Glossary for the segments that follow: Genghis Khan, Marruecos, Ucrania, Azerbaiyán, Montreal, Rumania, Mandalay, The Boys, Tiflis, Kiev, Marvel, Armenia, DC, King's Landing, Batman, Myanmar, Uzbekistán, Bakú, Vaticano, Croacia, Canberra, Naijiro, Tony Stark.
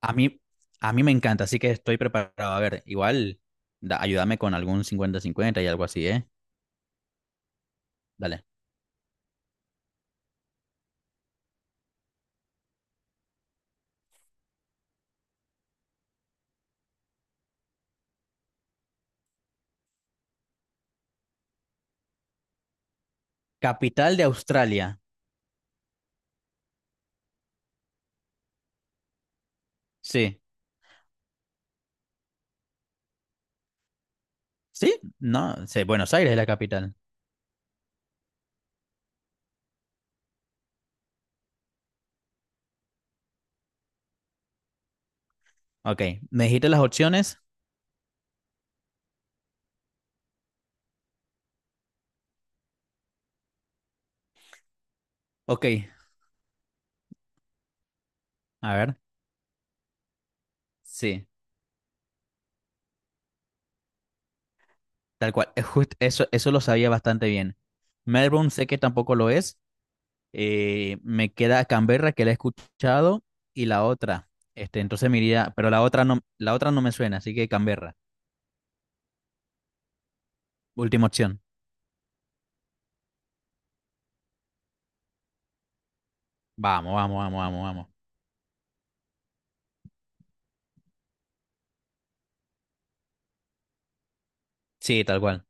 A mí, a mí, me encanta, así que estoy preparado. A ver, igual, ayúdame con algún 50-50 y algo así, ¿eh? Dale. Capital de Australia. Sí. ¿Sí? No, sí, Buenos Aires es la capital. Ok, ¿me dijiste las opciones? Ok, a ver. Sí, tal cual. Eso lo sabía bastante bien. Melbourne sé que tampoco lo es. Me queda Canberra, que la he escuchado, y la otra. Entonces me iría, pero la otra no me suena, así que Canberra. Última opción. Vamos, vamos, vamos, vamos, vamos. Sí, tal cual.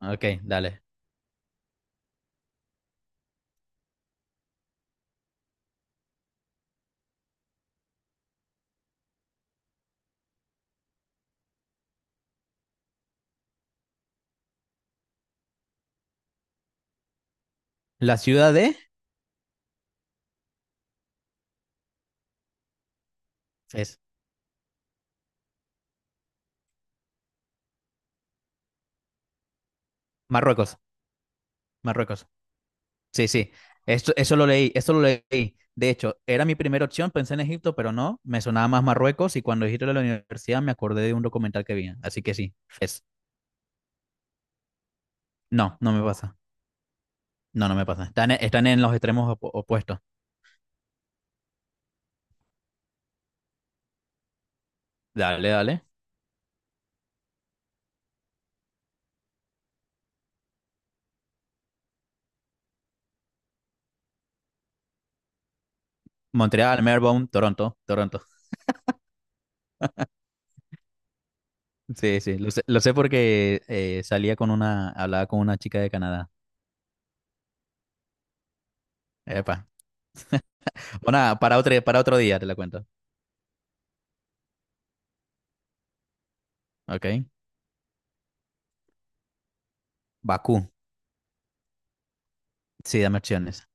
Ok, dale. La ciudad de es Marruecos, Marruecos. Sí, sí. Esto, eso lo leí, eso lo leí. De hecho, era mi primera opción, pensé en Egipto, pero no, me sonaba más Marruecos y cuando dijiste lo de la universidad me acordé de un documental que vi. Así que sí, es. No, no me pasa. No, no me pasa. Están, están en los extremos opuestos. Dale, dale. Montreal, Melbourne, Toronto, Toronto. Sí, sí, lo sé porque hablaba con una chica de Canadá. Epa. Bueno, para otro día te la cuento. Ok. Bakú. Sí, dame opciones.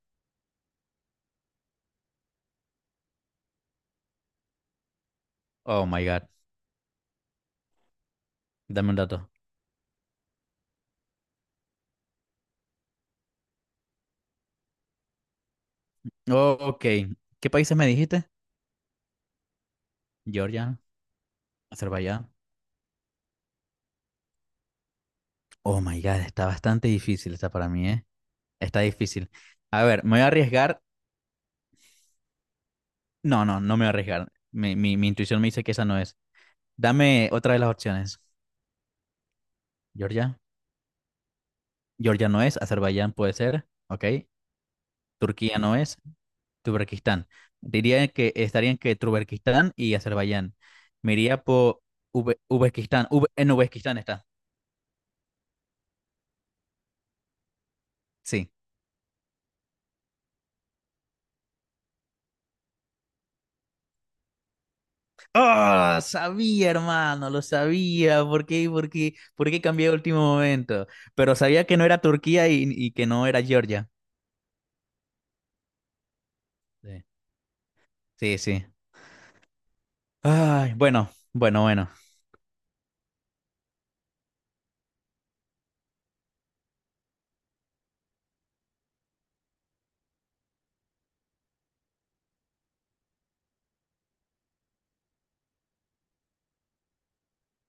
Oh my God. Dame un dato. Oh, ok. ¿Qué países me dijiste? Georgia, Azerbaiyán. Oh my God. Está bastante difícil esta para mí, ¿eh? Está difícil. A ver, me voy a arriesgar. No, no, no me voy a arriesgar. Mi intuición me dice que esa no es. Dame otra de las opciones. Georgia. Georgia no es. Azerbaiyán puede ser. Ok. Turquía no es. Turberquistán. Diría que estarían que Turberquistán y Azerbaiyán. Me iría por Uzbekistán. En Uzbekistán está. Sí. Ah, sabía, hermano, lo sabía. ¿Por qué cambié de último momento? Pero sabía que no era Turquía y que no era Georgia. Sí, sí, sí. Ay, bueno, bueno, bueno.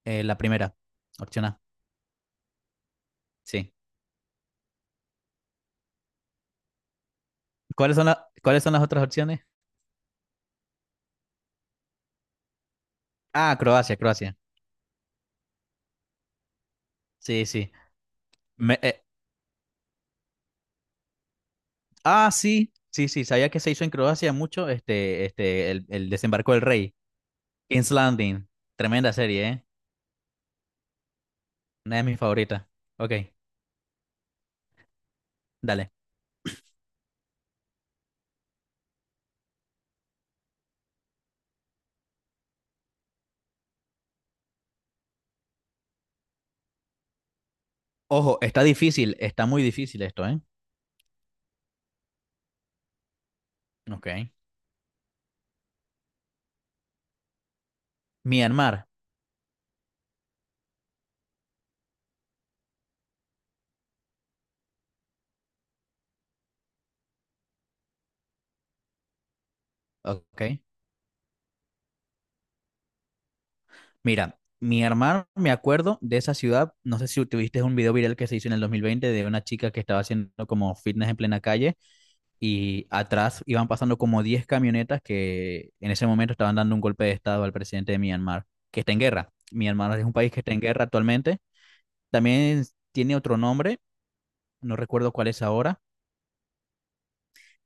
La primera, opción A. Sí. ¿Cuáles son cuáles son las otras opciones? Ah, Croacia, Croacia. Sí, sí. Ah, sí, sí, sí, sabía que se hizo en Croacia mucho el desembarco del rey. King's Landing. Tremenda serie, ¿eh? Una de mis favoritas. Ok, dale. Ojo, está difícil, está muy difícil esto, ¿eh? Ok. Myanmar. Ok. Mira, Myanmar, me acuerdo de esa ciudad. No sé si tuviste un video viral que se hizo en el 2020 de una chica que estaba haciendo como fitness en plena calle y atrás iban pasando como 10 camionetas que en ese momento estaban dando un golpe de estado al presidente de Myanmar, que está en guerra. Myanmar es un país que está en guerra actualmente. También tiene otro nombre, no recuerdo cuál es ahora,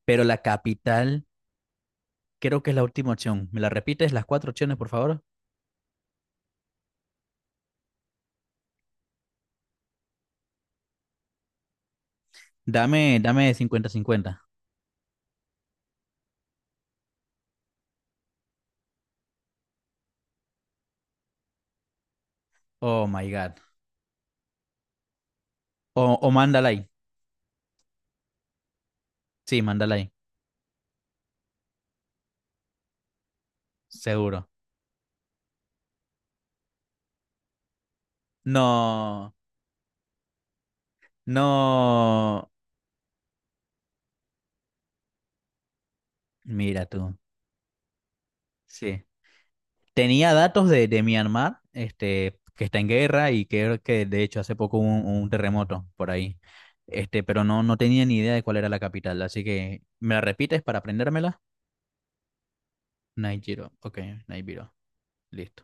pero la capital creo que es la última opción. ¿Me la repites las cuatro opciones, por favor? Dame 50-50. Oh my God. O Mandalay. Sí, Mandalay. Seguro. No, no. Mira tú. Sí. Tenía datos de Myanmar, que está en guerra y que de hecho hace poco hubo un terremoto por ahí. Pero no, no tenía ni idea de cuál era la capital, así que ¿me la repites para aprendérmela? Naijiro, ok, Naijiro, listo.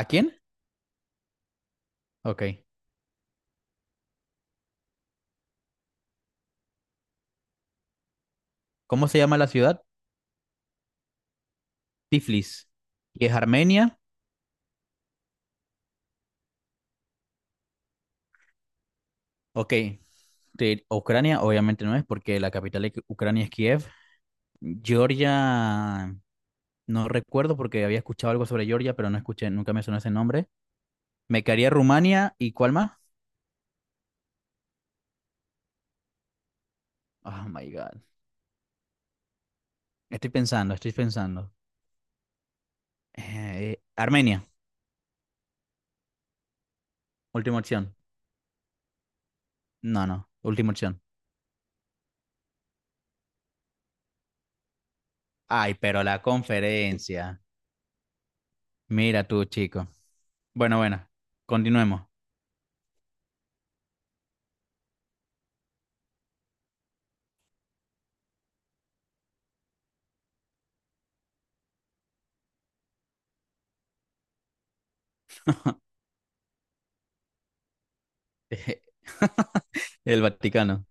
¿A quién? Ok. ¿Cómo se llama la ciudad? Tiflis. ¿Y es Armenia? Ok. De Ucrania, obviamente no es, porque la capital de Ucrania es Kiev. Georgia, no recuerdo porque había escuchado algo sobre Georgia, pero no escuché, nunca me sonó ese nombre. Me quedaría Rumania y ¿cuál más? Oh my God. Estoy pensando, estoy pensando. Armenia, última opción. No, no, última opción. Ay, pero la conferencia. Mira tú, chico. Bueno, bueno, continuemos. El Vaticano.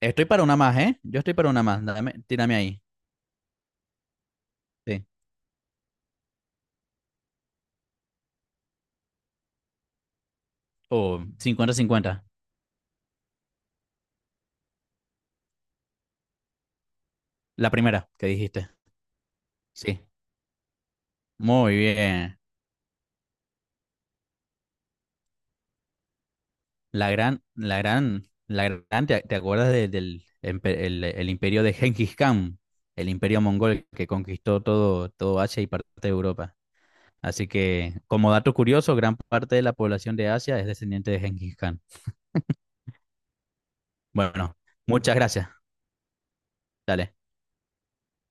Estoy para una más, ¿eh? Yo estoy para una más. Tírame ahí. Sí. Oh, 50-50. La primera que dijiste. Sí. Muy bien. La gran, ¿te acuerdas el imperio de Genghis Khan, el imperio mongol que conquistó todo, todo Asia y parte de Europa? Así que, como dato curioso, gran parte de la población de Asia es descendiente de Genghis Khan. Bueno, muchas gracias. Dale.